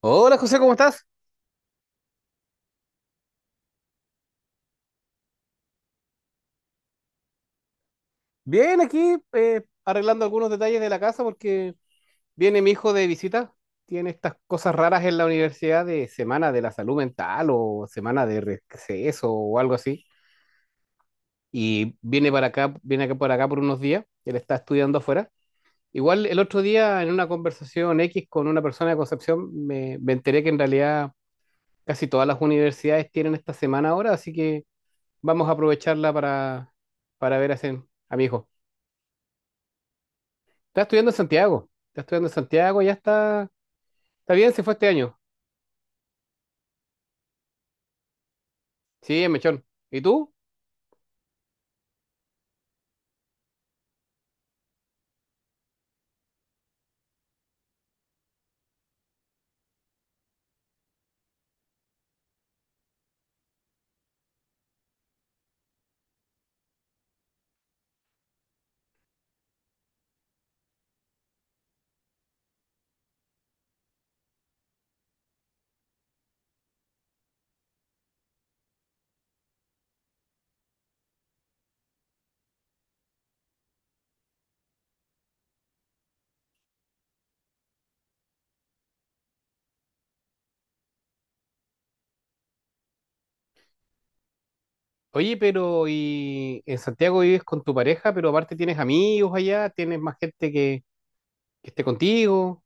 Hola José, ¿cómo estás? Bien, aquí arreglando algunos detalles de la casa porque viene mi hijo de visita. Tiene estas cosas raras en la universidad de semana de la salud mental o semana de receso o algo así. Y viene para acá, viene acá por acá por unos días. Él está estudiando afuera. Igual el otro día en una conversación X con una persona de Concepción me enteré que en realidad casi todas las universidades tienen esta semana ahora, así que vamos a aprovecharla para ver a mi hijo. Está estudiando en Santiago. Está estudiando en Santiago, ya está. Está bien, se fue este año. Sí, en Mechón. ¿Y tú? Oye, pero y en Santiago vives con tu pareja, pero aparte tienes amigos allá, tienes más gente que esté contigo.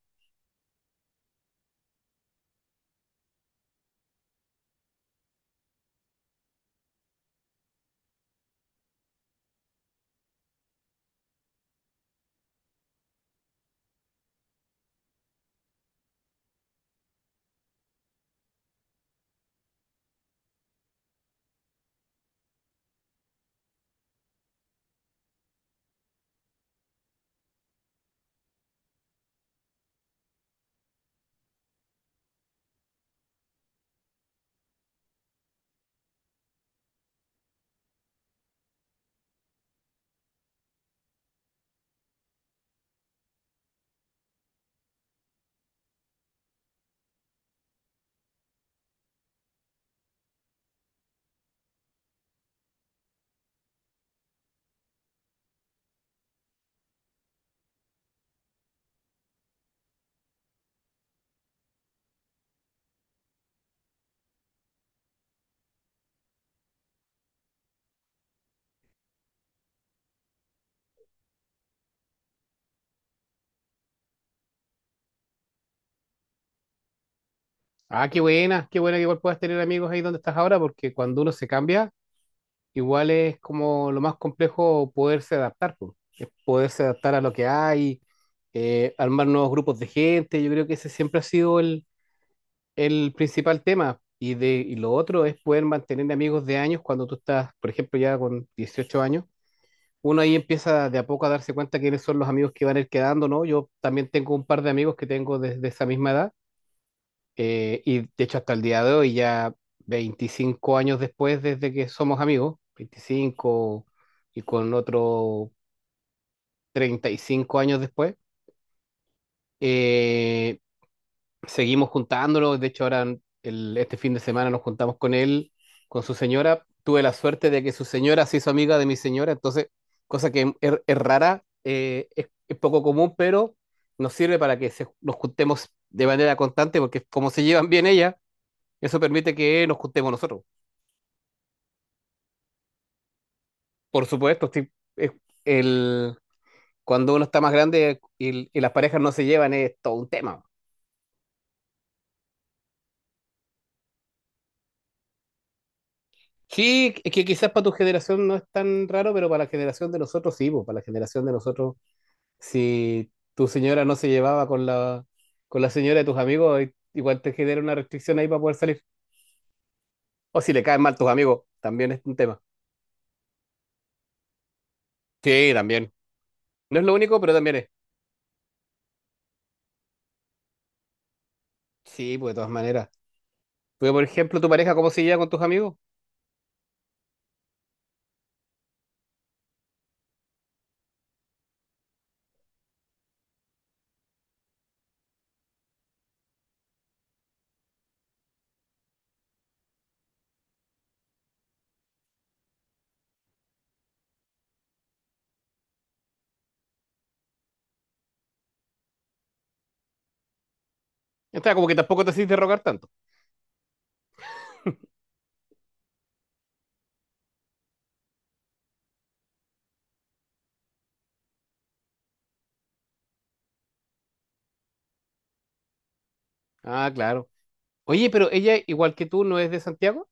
Ah, qué buena que igual puedas tener amigos ahí donde estás ahora, porque cuando uno se cambia, igual es como lo más complejo poderse adaptar, po. Es poderse adaptar a lo que hay, armar nuevos grupos de gente. Yo creo que ese siempre ha sido el principal tema. Y lo otro es poder mantener amigos de años cuando tú estás, por ejemplo, ya con 18 años. Uno ahí empieza de a poco a darse cuenta quiénes son los amigos que van a ir quedando, ¿no? Yo también tengo un par de amigos que tengo desde esa misma edad. Y de hecho hasta el día de hoy, ya 25 años después desde que somos amigos, 25 y con otro 35 años después, eh, seguimos juntándolo. De hecho, ahora este fin de semana nos juntamos con él, con su señora. Tuve la suerte de que su señora se hizo amiga de mi señora, entonces, cosa que es rara, es poco común, pero nos sirve para que nos juntemos de manera constante, porque como se llevan bien ella, eso permite que nos juntemos nosotros. Por supuesto, sí, es- el, cuando uno está más grande y las parejas no se llevan, es todo un tema. Sí, es que quizás para tu generación no es tan raro, pero para la generación de nosotros sí, pues, para la generación de nosotros, si tu señora no se llevaba con la, señora de tus amigos, igual te genera una restricción ahí para poder salir. O si le caen mal tus amigos, también es un tema. Sí, también. No es lo único, pero también es. Sí, pues de todas maneras. Pero, por ejemplo, tu pareja, ¿cómo se lleva con tus amigos? Está como que tampoco te haces de rogar tanto. Ah, claro. Oye, pero ella, igual que tú, ¿no es de Santiago?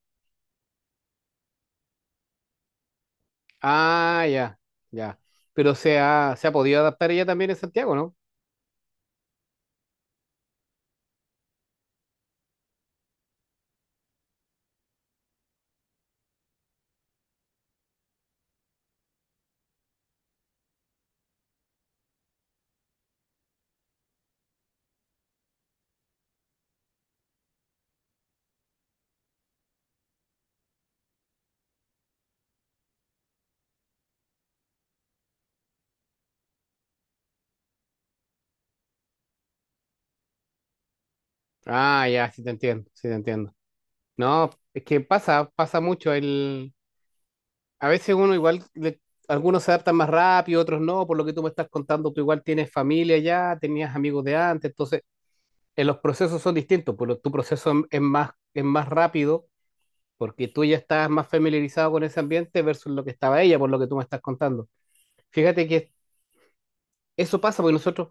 Ah, ya, ya. Pero se ha podido adaptar ella también en Santiago, ¿no? Ah, ya, sí te entiendo, sí te entiendo. No, es que pasa, pasa mucho. A veces uno igual, algunos se adaptan más rápido, otros no, por lo que tú me estás contando, tú igual tienes familia ya, tenías amigos de antes, entonces los procesos son distintos, pero tu proceso es más rápido porque tú ya estás más familiarizado con ese ambiente versus lo que estaba ella, por lo que tú me estás contando. Fíjate que eso pasa porque nosotros.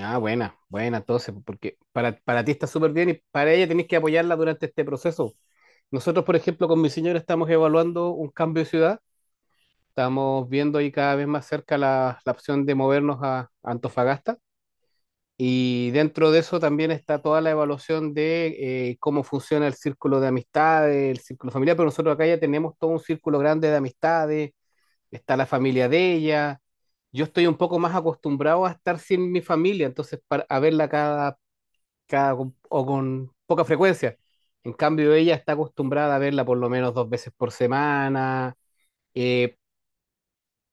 Ah, buena, buena, entonces, porque para, ti está súper bien y para ella tenés que apoyarla durante este proceso. Nosotros, por ejemplo, con mi señora estamos evaluando un cambio de ciudad, estamos viendo ahí cada vez más cerca la, opción de movernos a Antofagasta y dentro de eso también está toda la evaluación de cómo funciona el círculo de amistades, el círculo familiar, pero nosotros acá ya tenemos todo un círculo grande de amistades, está la familia de ella. Yo estoy un poco más acostumbrado a estar sin mi familia, entonces a verla cada o con poca frecuencia. En cambio, ella está acostumbrada a verla por lo menos dos veces por semana, eh,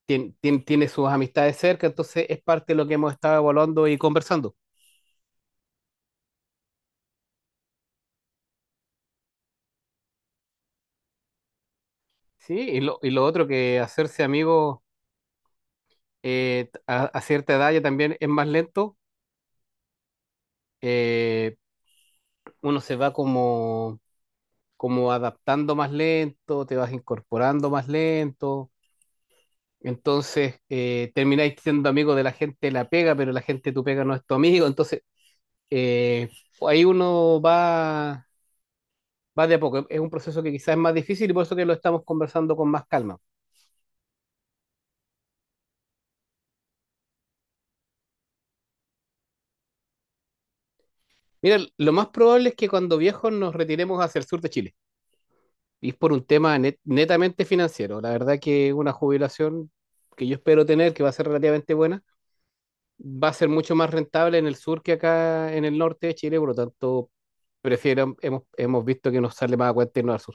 tiene sus amistades cerca, entonces es parte de lo que hemos estado evaluando y conversando. Sí, y lo otro que hacerse amigo a cierta edad ya también es más lento, eh, uno se va como adaptando más lento, te vas incorporando más lento. Entonces, termináis siendo amigo de la gente de la pega, pero la gente de tu pega no es tu amigo. Entonces, eh, ahí uno va de a poco. Es un proceso que quizás es más difícil y por eso que lo estamos conversando con más calma. Mira, lo más probable es que cuando viejos nos retiremos hacia el sur de Chile. Y es por un tema netamente financiero. La verdad que una jubilación que yo espero tener, que va a ser relativamente buena, va a ser mucho más rentable en el sur que acá en el norte de Chile. Por lo tanto, hemos visto que nos sale más a cuenta irnos al sur.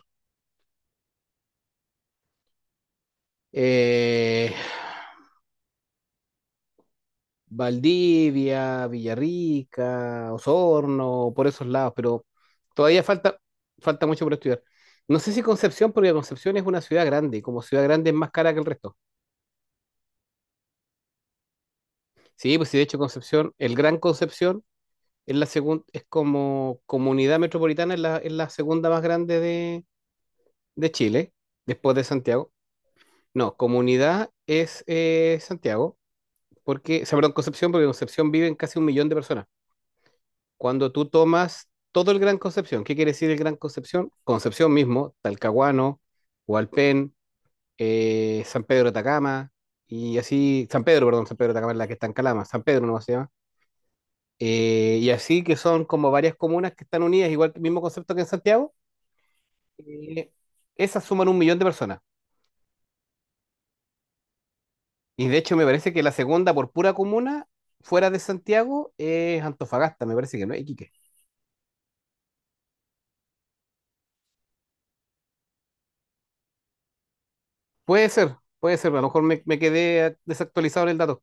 eh, Valdivia, Villarrica, Osorno, por esos lados, pero todavía falta, mucho por estudiar. No sé si Concepción, porque Concepción es una ciudad grande, y como ciudad grande es más cara que el resto. Sí, pues sí, de hecho Concepción, el Gran Concepción es la segunda, es como comunidad metropolitana, es la, segunda más grande de Chile, después de Santiago. No, comunidad es Santiago, porque, o sea, perdón, Concepción, porque en Concepción viven casi 1 millón de personas cuando tú tomas todo el Gran Concepción. ¿Qué quiere decir el Gran Concepción? Concepción mismo, Talcahuano, Hualpén, San Pedro de Atacama, y así, San Pedro, perdón, San Pedro de Atacama es la que está en Calama, San Pedro no se llama. Y así que son como varias comunas que están unidas, igual que el mismo concepto que en Santiago, eh, esas suman 1 millón de personas. Y de hecho me parece que la segunda por pura comuna, fuera de Santiago, es Antofagasta, me parece que no es Iquique. Puede ser, a lo mejor me quedé desactualizado en el dato.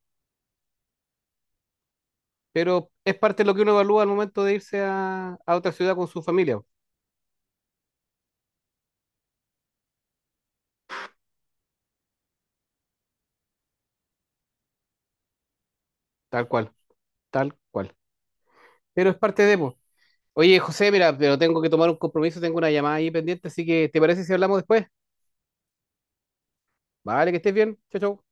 Pero es parte de lo que uno evalúa al momento de irse a, otra ciudad con su familia, tal cual, tal cual. Pero es parte de, po. Oye, José, mira, pero tengo que tomar un compromiso, tengo una llamada ahí pendiente, así que ¿te parece si hablamos después? Vale, que estés bien. Chao, chao.